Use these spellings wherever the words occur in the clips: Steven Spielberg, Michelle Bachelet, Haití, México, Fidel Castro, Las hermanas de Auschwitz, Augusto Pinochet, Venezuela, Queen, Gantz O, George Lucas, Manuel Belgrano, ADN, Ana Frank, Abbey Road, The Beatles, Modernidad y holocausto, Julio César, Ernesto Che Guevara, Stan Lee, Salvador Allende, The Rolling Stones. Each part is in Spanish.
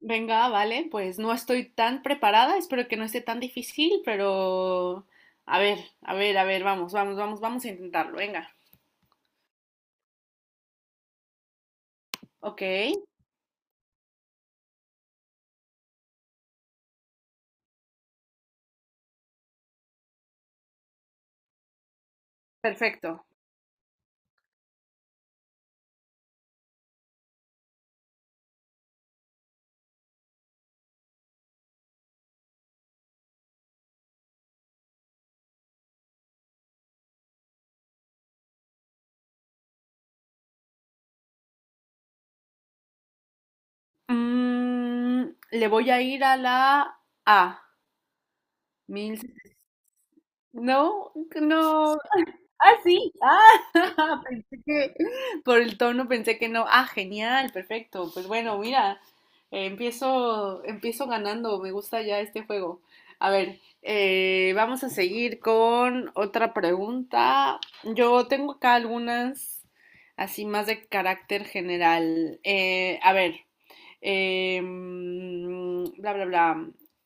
Venga, vale, pues no estoy tan preparada, espero que no esté tan difícil, pero a ver, a ver, a ver, vamos, vamos, vamos, vamos a intentarlo, venga. Ok, perfecto. Mm, le voy a ir a la A. Mil... No, no, ah, sí. Ah, pensé que por el tono pensé que no. Ah, genial, perfecto. Pues bueno, mira, empiezo ganando. Me gusta ya este juego. A ver, vamos a seguir con otra pregunta. Yo tengo acá algunas así más de carácter general. A ver eh, bla, bla, bla.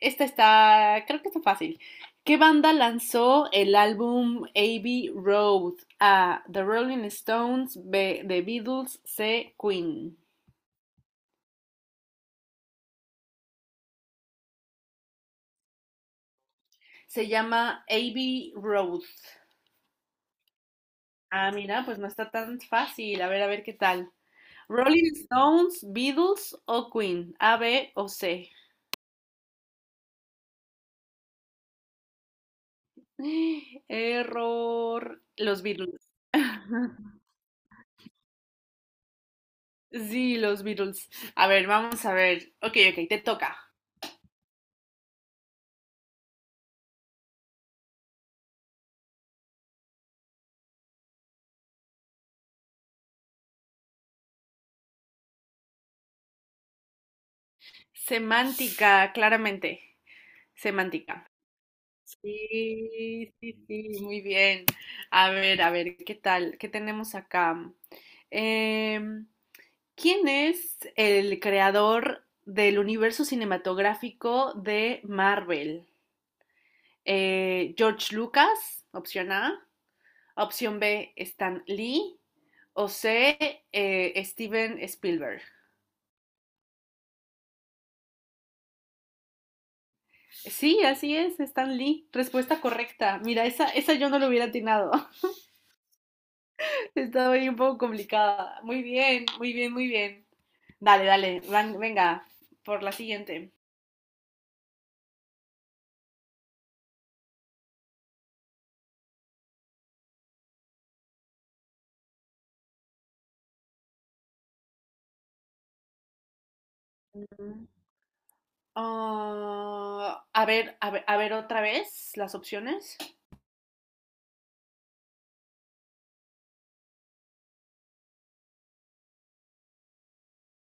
Esta creo que está fácil. ¿Qué banda lanzó el álbum Abbey Road? A, The Rolling Stones; B, The Beatles; C, Queen. Se llama Abbey Road. Ah, mira, pues no está tan fácil. A ver qué tal. Rolling Stones, Beatles o Queen. A, B o C. Error. Los Beatles. Sí, los Beatles. A ver, vamos a ver. Ok, ok, te toca. Semántica, claramente. Semántica. Sí, sí, sí, muy bien. A ver, ¿qué tal? ¿Qué tenemos acá? Em, ¿Quién es el creador del universo cinematográfico de Marvel? George Lucas, opción A. Opción B, Stan Lee. O C, Steven Spielberg. Sí, así es, Stan Lee. Respuesta correcta. Mira, esa yo no lo hubiera atinado. Estaba ahí un poco complicada. Muy bien, muy bien, muy bien. Dale, dale, venga, por la siguiente. Mm. Ah, a ver, a ver, a ver otra vez las opciones.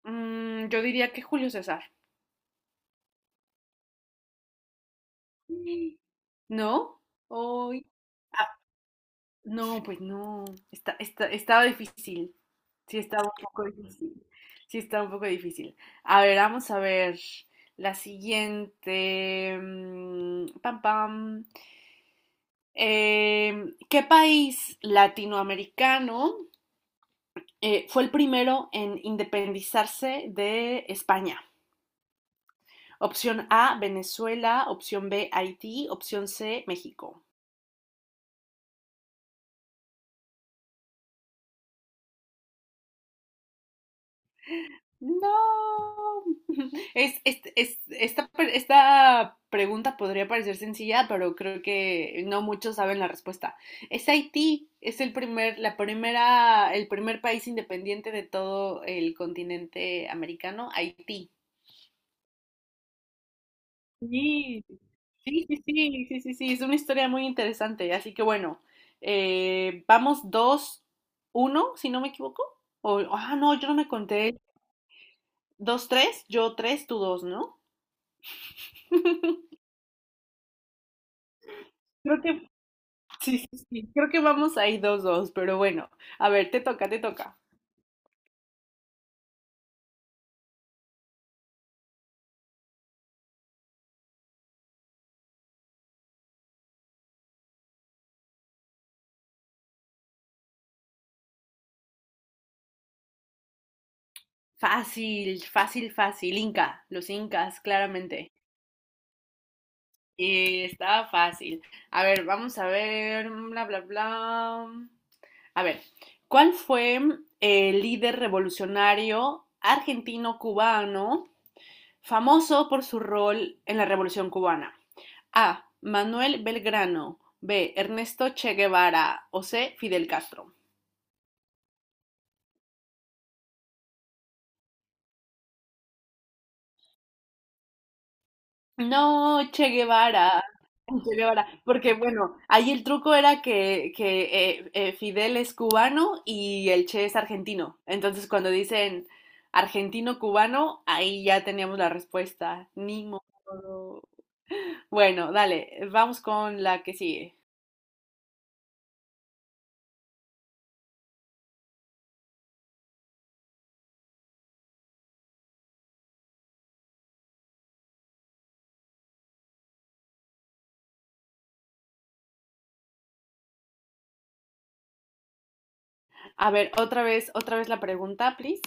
Mm, yo diría que Julio César. Sí. ¿No? Ay, ah, no, pues no. Estaba difícil. Sí, está un poco difícil. Sí, está un poco difícil. A ver, vamos a ver la siguiente. Mm, pam, pam. ¿Qué país latinoamericano fue el primero en independizarse de España? Opción A, Venezuela. Opción B, Haití. Opción C, México. No. Esta, esta pregunta podría parecer sencilla, pero creo que no muchos saben la respuesta. Es Haití, es el primer, la primera, el primer país independiente de todo el continente americano, Haití. Sí, sí, sí, sí, sí, sí, sí, es una historia muy interesante. Así que bueno, vamos dos uno, si no me equivoco. O, ah, no, yo no me conté. Dos tres, yo tres, tú 2, ¿no? Creo que sí, sí, sí. Creo que vamos ahí dos, dos, pero bueno. A ver, te toca, te toca. Fácil, fácil, fácil. Inca, los incas, claramente. Y estaba fácil. A ver, vamos a ver, bla, bla, bla. A ver, ¿cuál fue el líder revolucionario argentino-cubano famoso por su rol en la Revolución Cubana? A, Manuel Belgrano; B, Ernesto Che Guevara; o C, Fidel Castro. No, Che Guevara. Che Guevara. Porque bueno, ahí el truco era que Fidel es cubano y el Che es argentino. Entonces cuando dicen argentino-cubano, ahí ya teníamos la respuesta. Ni modo. Bueno, dale, vamos con la que sigue. A ver, otra vez la pregunta, please.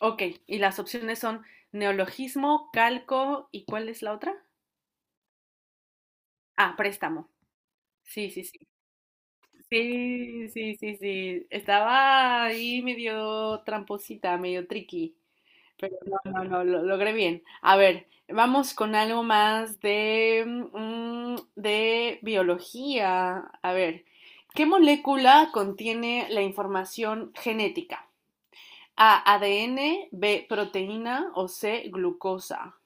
Ok, y las opciones son neologismo, calco, ¿y cuál es la otra? Ah, préstamo. Sí, sí, sí. Sí, sí, sí, sí. Estaba ahí medio tramposita, medio tricky, pero no, no, no, lo logré bien. A ver, vamos con algo más de, mm, de biología. A ver, ¿qué molécula contiene la información genética? A, ADN; B, proteína; o C, glucosa.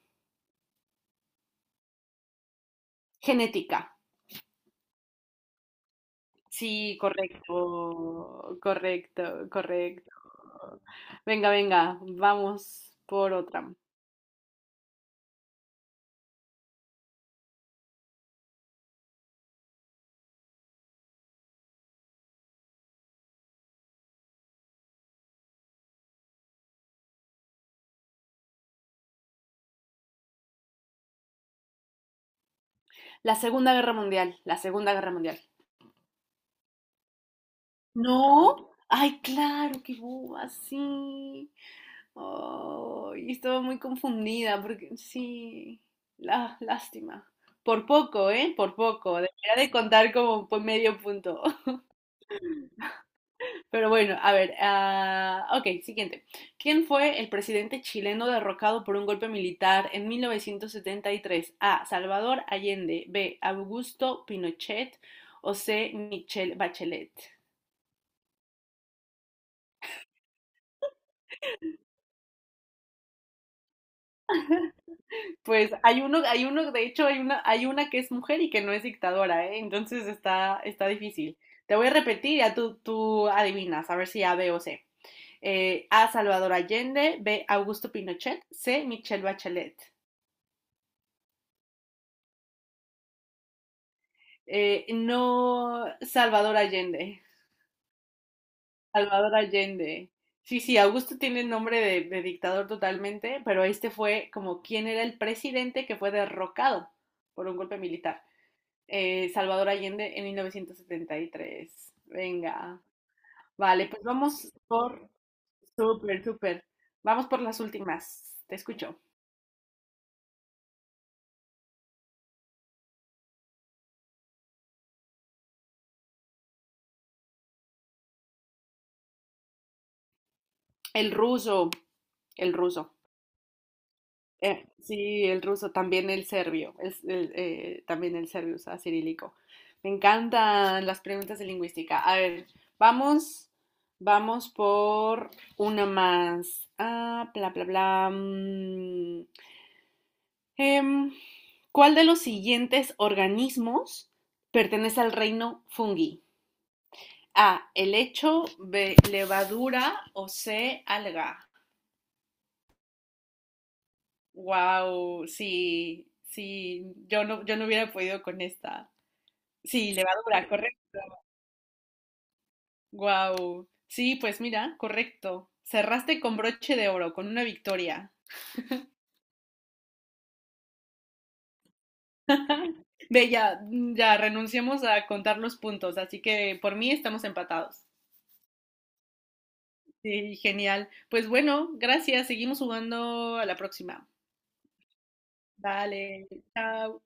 Genética. Sí, correcto, correcto, correcto. Venga, venga, vamos por otra. La Segunda Guerra Mundial, la Segunda Guerra Mundial. ¿No? Ay, claro, qué boba, sí. Oh, y estaba muy confundida porque sí, la, lástima. Por poco, ¿eh? Por poco. Debería de contar como por medio punto. Pero bueno, a ver, ah, ok, siguiente. ¿Quién fue el presidente chileno derrocado por un golpe militar en 1973? A, Salvador Allende; B, Augusto Pinochet; o C, Michelle Bachelet. Pues hay uno, de hecho hay una que es mujer y que no es dictadora, ¿eh? Entonces está difícil. Te voy a repetir, ya tú adivinas, a ver si A, B o C. A, Salvador Allende; B, Augusto Pinochet; C, Michelle Bachelet. No, Salvador Allende. Salvador Allende. Sí, sí, Augusto tiene nombre de dictador totalmente, pero este fue como quien era el presidente que fue derrocado por un golpe militar. Salvador Allende en 1973. Venga. Vale, pues vamos por... Súper, súper. Vamos por las últimas. Te escucho. El ruso, el ruso. Sí, el ruso, también el serbio, es el, también el serbio usa cirílico. Me encantan las preguntas de lingüística. A ver, vamos, vamos por una más. Ah, bla, bla, bla. Mm, em, ¿cuál de los siguientes organismos pertenece al reino fungi? A, helecho; B, levadura; o C, alga. Wow, sí, sí, yo no, yo no hubiera podido con esta. Sí, levadura, correcto. Wow. Sí, pues mira, correcto. Cerraste con broche de oro, con una victoria. Ve, ya, mm, ya renunciamos a contar los puntos, así que por mí estamos empatados. Sí, genial. Pues bueno, gracias. Seguimos jugando a la próxima. Vale, chao.